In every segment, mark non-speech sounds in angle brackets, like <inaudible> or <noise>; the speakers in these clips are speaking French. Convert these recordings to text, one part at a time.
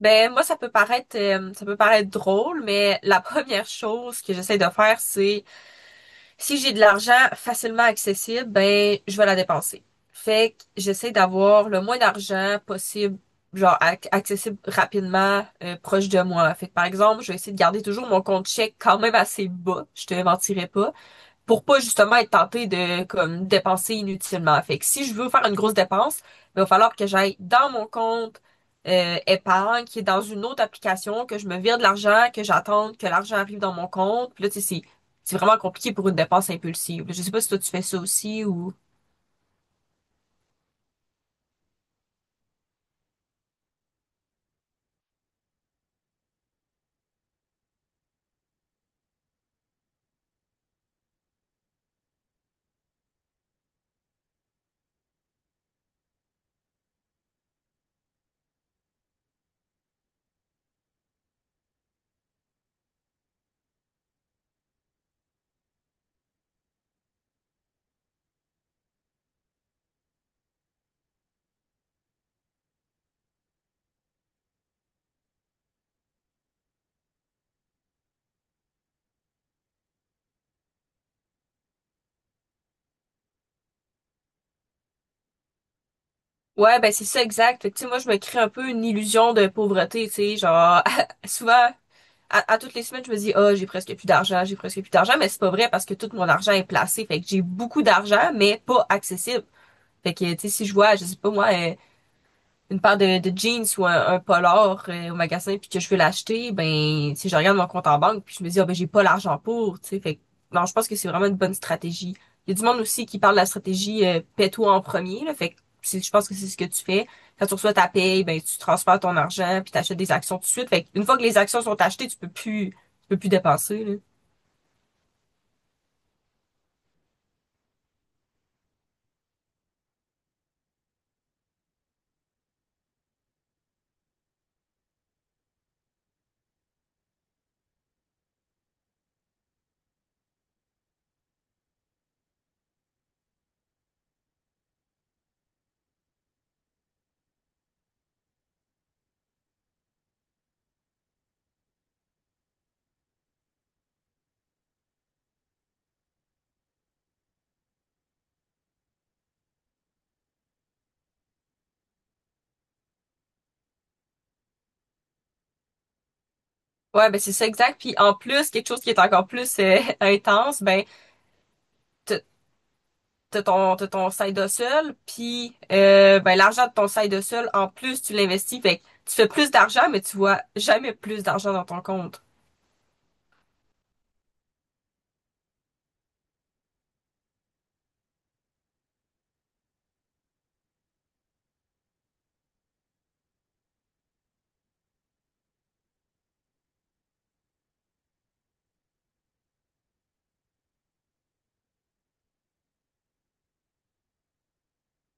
Ben moi, ça peut paraître drôle, mais la première chose que j'essaie de faire, c'est, si j'ai de l'argent facilement accessible, ben je vais la dépenser. Fait que j'essaie d'avoir le moins d'argent possible, genre accessible rapidement, proche de moi. Fait que par exemple, je vais essayer de garder toujours mon compte chèque quand même assez bas, je te mentirais pas, pour pas justement être tenté de comme dépenser inutilement. Fait que si je veux faire une grosse dépense, ben, il va falloir que j'aille dans mon compte épargne, qui est dans une autre application, que je me vire de l'argent, que j'attende que l'argent arrive dans mon compte. Puis là, tu sais, c'est vraiment compliqué pour une dépense impulsive. Je sais pas si toi tu fais ça aussi ou. Ouais, ben c'est ça, exact. Fait que, tu sais, moi je me crée un peu une illusion de pauvreté, tu sais, genre <laughs> souvent à toutes les semaines, je me dis, ah, j'ai presque plus d'argent, j'ai presque plus d'argent, mais c'est pas vrai parce que tout mon argent est placé. Fait que j'ai beaucoup d'argent, mais pas accessible. Fait que, tu sais, si je vois, je sais pas moi, une paire de jeans ou un polar au magasin puis que je veux l'acheter, ben si je regarde mon compte en banque puis je me dis, ah ben j'ai pas l'argent pour, tu sais, non, je pense que c'est vraiment une bonne stratégie. Il y a du monde aussi qui parle de la stratégie paie-toi en premier, là, fait que je pense que c'est ce que tu fais. Quand tu reçois ta paye, ben tu transfères ton argent puis t'achètes des actions tout de suite. Fait que une fois que les actions sont achetées, tu peux plus dépenser, là. Ouais, ben c'est ça, exact. Puis en plus, quelque chose qui est encore plus <laughs> intense, ben t- t'as ton side hustle, puis ben, l'argent de ton side hustle, en plus, tu l'investis. Fait que tu fais plus d'argent, mais tu vois jamais plus d'argent dans ton compte.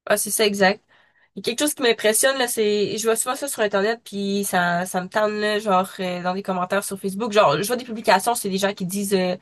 Ah, c'est ça, exact. Il y a quelque chose qui m'impressionne, là, c'est, je vois souvent ça sur Internet, puis ça me tente, là, genre, dans des commentaires sur Facebook. Genre, je vois des publications, c'est des gens qui disent,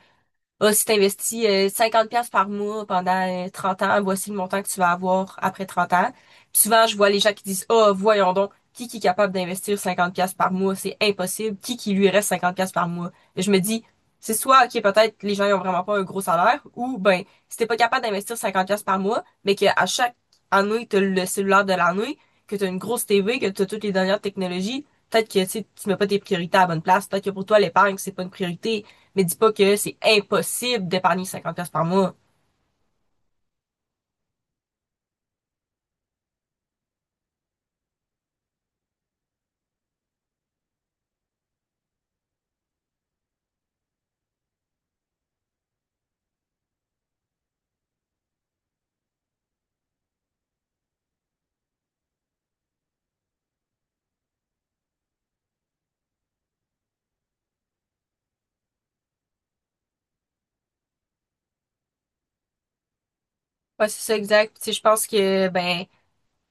ah, si tu investis 50 pièces par mois pendant 30 ans, voici le montant que tu vas avoir après 30 ans. Puis souvent, je vois les gens qui disent, ah, voyons donc, qui est capable d'investir 50$ par mois? C'est impossible. Qui lui reste 50$ par mois? Et je me dis, c'est soit, OK, peut-être les gens ils ont vraiment pas un gros salaire, ou ben, si t'es pas capable d'investir 50$ par mois, mais qu'à chaque année, t'as le cellulaire de l'année, que t'as une grosse TV, que t'as toutes les dernières technologies, peut-être que, tu sais, mets pas tes priorités à la bonne place. Peut-être que pour toi, l'épargne, c'est pas une priorité. Mais dis pas que c'est impossible d'épargner 50 pièces par mois. Ouais, c'est ça, exact. Tu sais, je pense que, ben,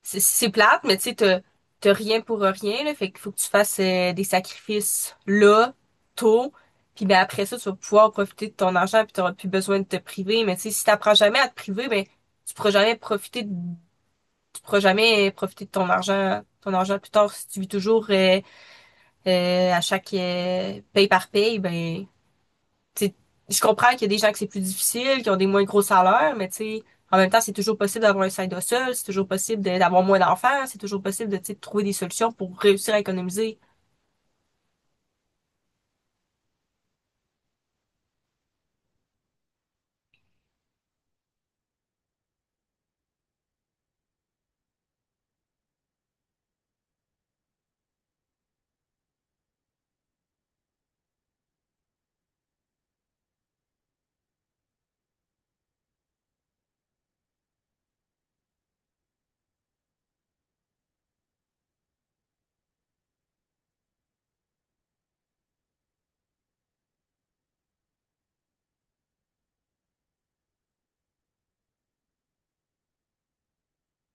c'est plate, mais tu sais, t'as rien pour rien, là. Fait qu'il faut que tu fasses des sacrifices là, tôt. Puis ben après ça, tu vas pouvoir profiter de ton argent puis t'auras plus besoin de te priver. Mais tu sais, si t'apprends jamais à te priver, ben tu pourras jamais profiter de, tu pourras jamais profiter de ton argent plus tard si tu vis toujours à chaque paye par paye, ben, tu sais, je comprends qu'il y a des gens que c'est plus difficile, qui ont des moins gros salaires, mais tu sais, en même temps, c'est toujours possible d'avoir un side hustle, c'est toujours possible d'avoir moins d'enfants, c'est toujours possible de, tu sais, de trouver des solutions pour réussir à économiser.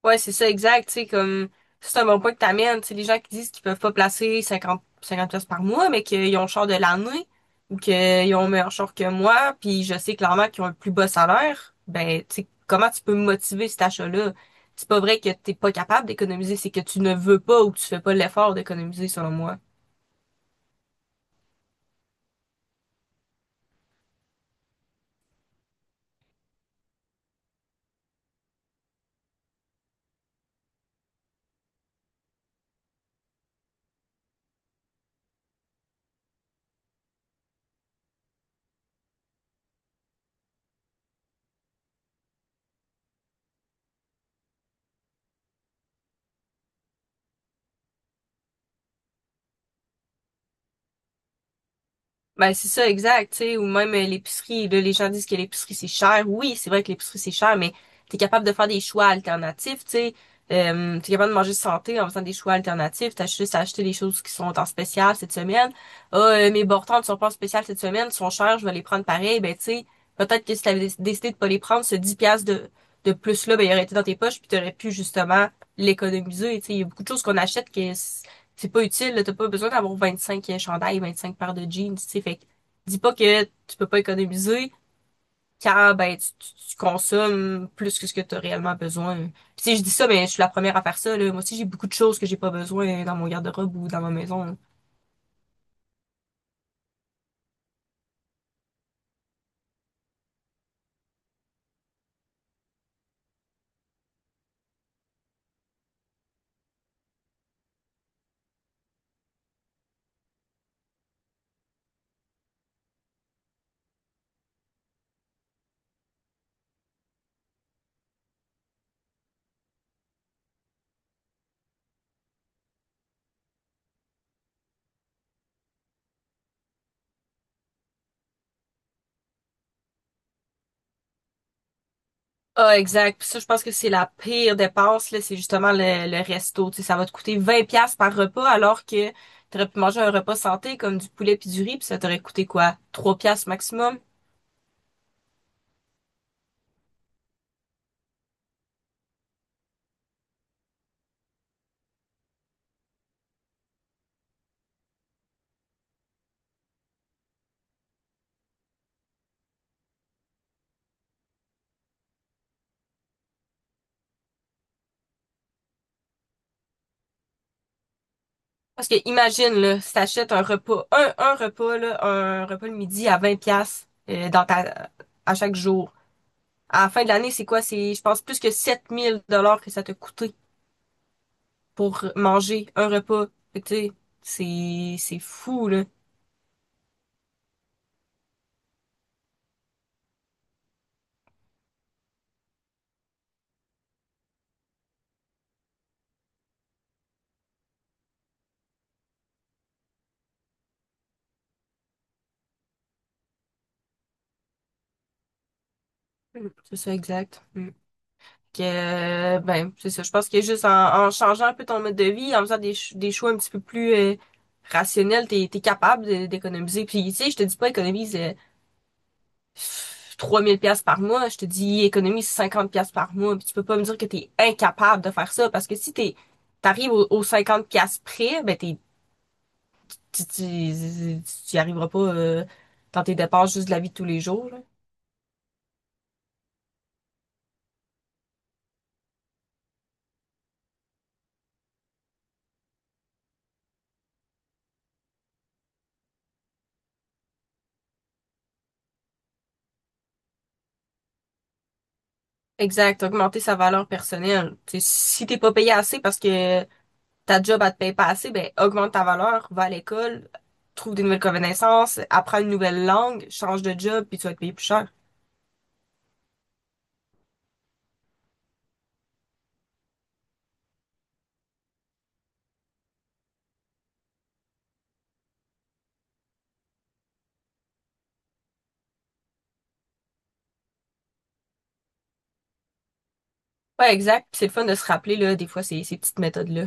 Ouais, c'est ça, exact. Tu sais, comme, c'est un bon point que t'amènes. Tu sais, les gens qui disent qu'ils peuvent pas placer cinquante pièces par mois, mais qu'ils ont le char de l'année ou qu'ils ont un meilleur char que moi, puis je sais clairement qu'ils ont un plus bas salaire, ben, tu sais, comment tu peux me motiver cet achat-là? C'est pas vrai que t'es pas capable d'économiser, c'est que tu ne veux pas ou que tu fais pas l'effort d'économiser, selon moi. Ben, c'est ça, exact, tu sais, ou même l'épicerie, là, les gens disent que l'épicerie, c'est cher. Oui, c'est vrai que l'épicerie, c'est cher, mais t'es capable de faire des choix alternatifs, tu sais. T'es capable de manger santé en faisant des choix alternatifs. T'as juste à acheter les choses qui sont en spécial cette semaine. Ah, mes bortons ne sont pas en spécial cette semaine, ils sont chers, je vais les prendre pareil. Ben, tu sais, peut-être que si t'avais décidé de pas les prendre, ce 10 piastres de plus-là, ben, il aurait été dans tes poches, puis t'aurais pu, justement, l'économiser, tu sais. Il y a beaucoup de choses qu'on achète que c'est pas utile, là, t'as pas besoin d'avoir 25 chandails, 25 paires de jeans, tu sais, fait que dis pas que tu peux pas économiser car ben tu consommes plus que ce que tu as réellement besoin. Puis tu sais, je dis ça, mais je suis la première à faire ça, là. Moi aussi, j'ai beaucoup de choses que j'ai pas besoin dans mon garde-robe ou dans ma maison, là. Ah, exact. Puis ça, je pense que c'est la pire dépense, là, c'est justement le resto. Tu sais, ça va te coûter 20 pièces par repas alors que t'aurais pu manger un repas santé comme du poulet puis du riz, puis ça t'aurait coûté quoi? 3 pièces maximum? Parce que imagine, là, si t'achètes un repas, un repas, là, un repas le midi à 20 pièces dans ta, à chaque jour. À la fin de l'année, c'est quoi? C'est, je pense, plus que 7 000 $ que ça t'a coûté pour manger un repas. Fait que, tu sais, c'est fou, là. Mm. C'est ça, exact. Mm. Que, ben, c'est ça. Je pense que juste en, en changeant un peu ton mode de vie, en faisant des choix un petit peu plus rationnels, t'es capable d'économiser. Puis, tu sais, je te dis pas économise 3 000 pièces par mois, je te dis économise 50 pièces par mois, puis tu peux pas me dire que t'es incapable de faire ça parce que si t'arrives aux 50 pièces près, ben t'es tu, tu, tu y arriveras pas dans tes dépenses juste de la vie de tous les jours, là. Exact, augmenter sa valeur personnelle. Tu sais, si t'es pas payé assez parce que ta job elle te paye pas assez, ben augmente ta valeur, va à l'école, trouve des nouvelles connaissances, apprends une nouvelle langue, change de job, puis tu vas te payer plus cher. Ouais, exact. Puis c'est le fun de se rappeler là, des fois ces petites méthodes-là.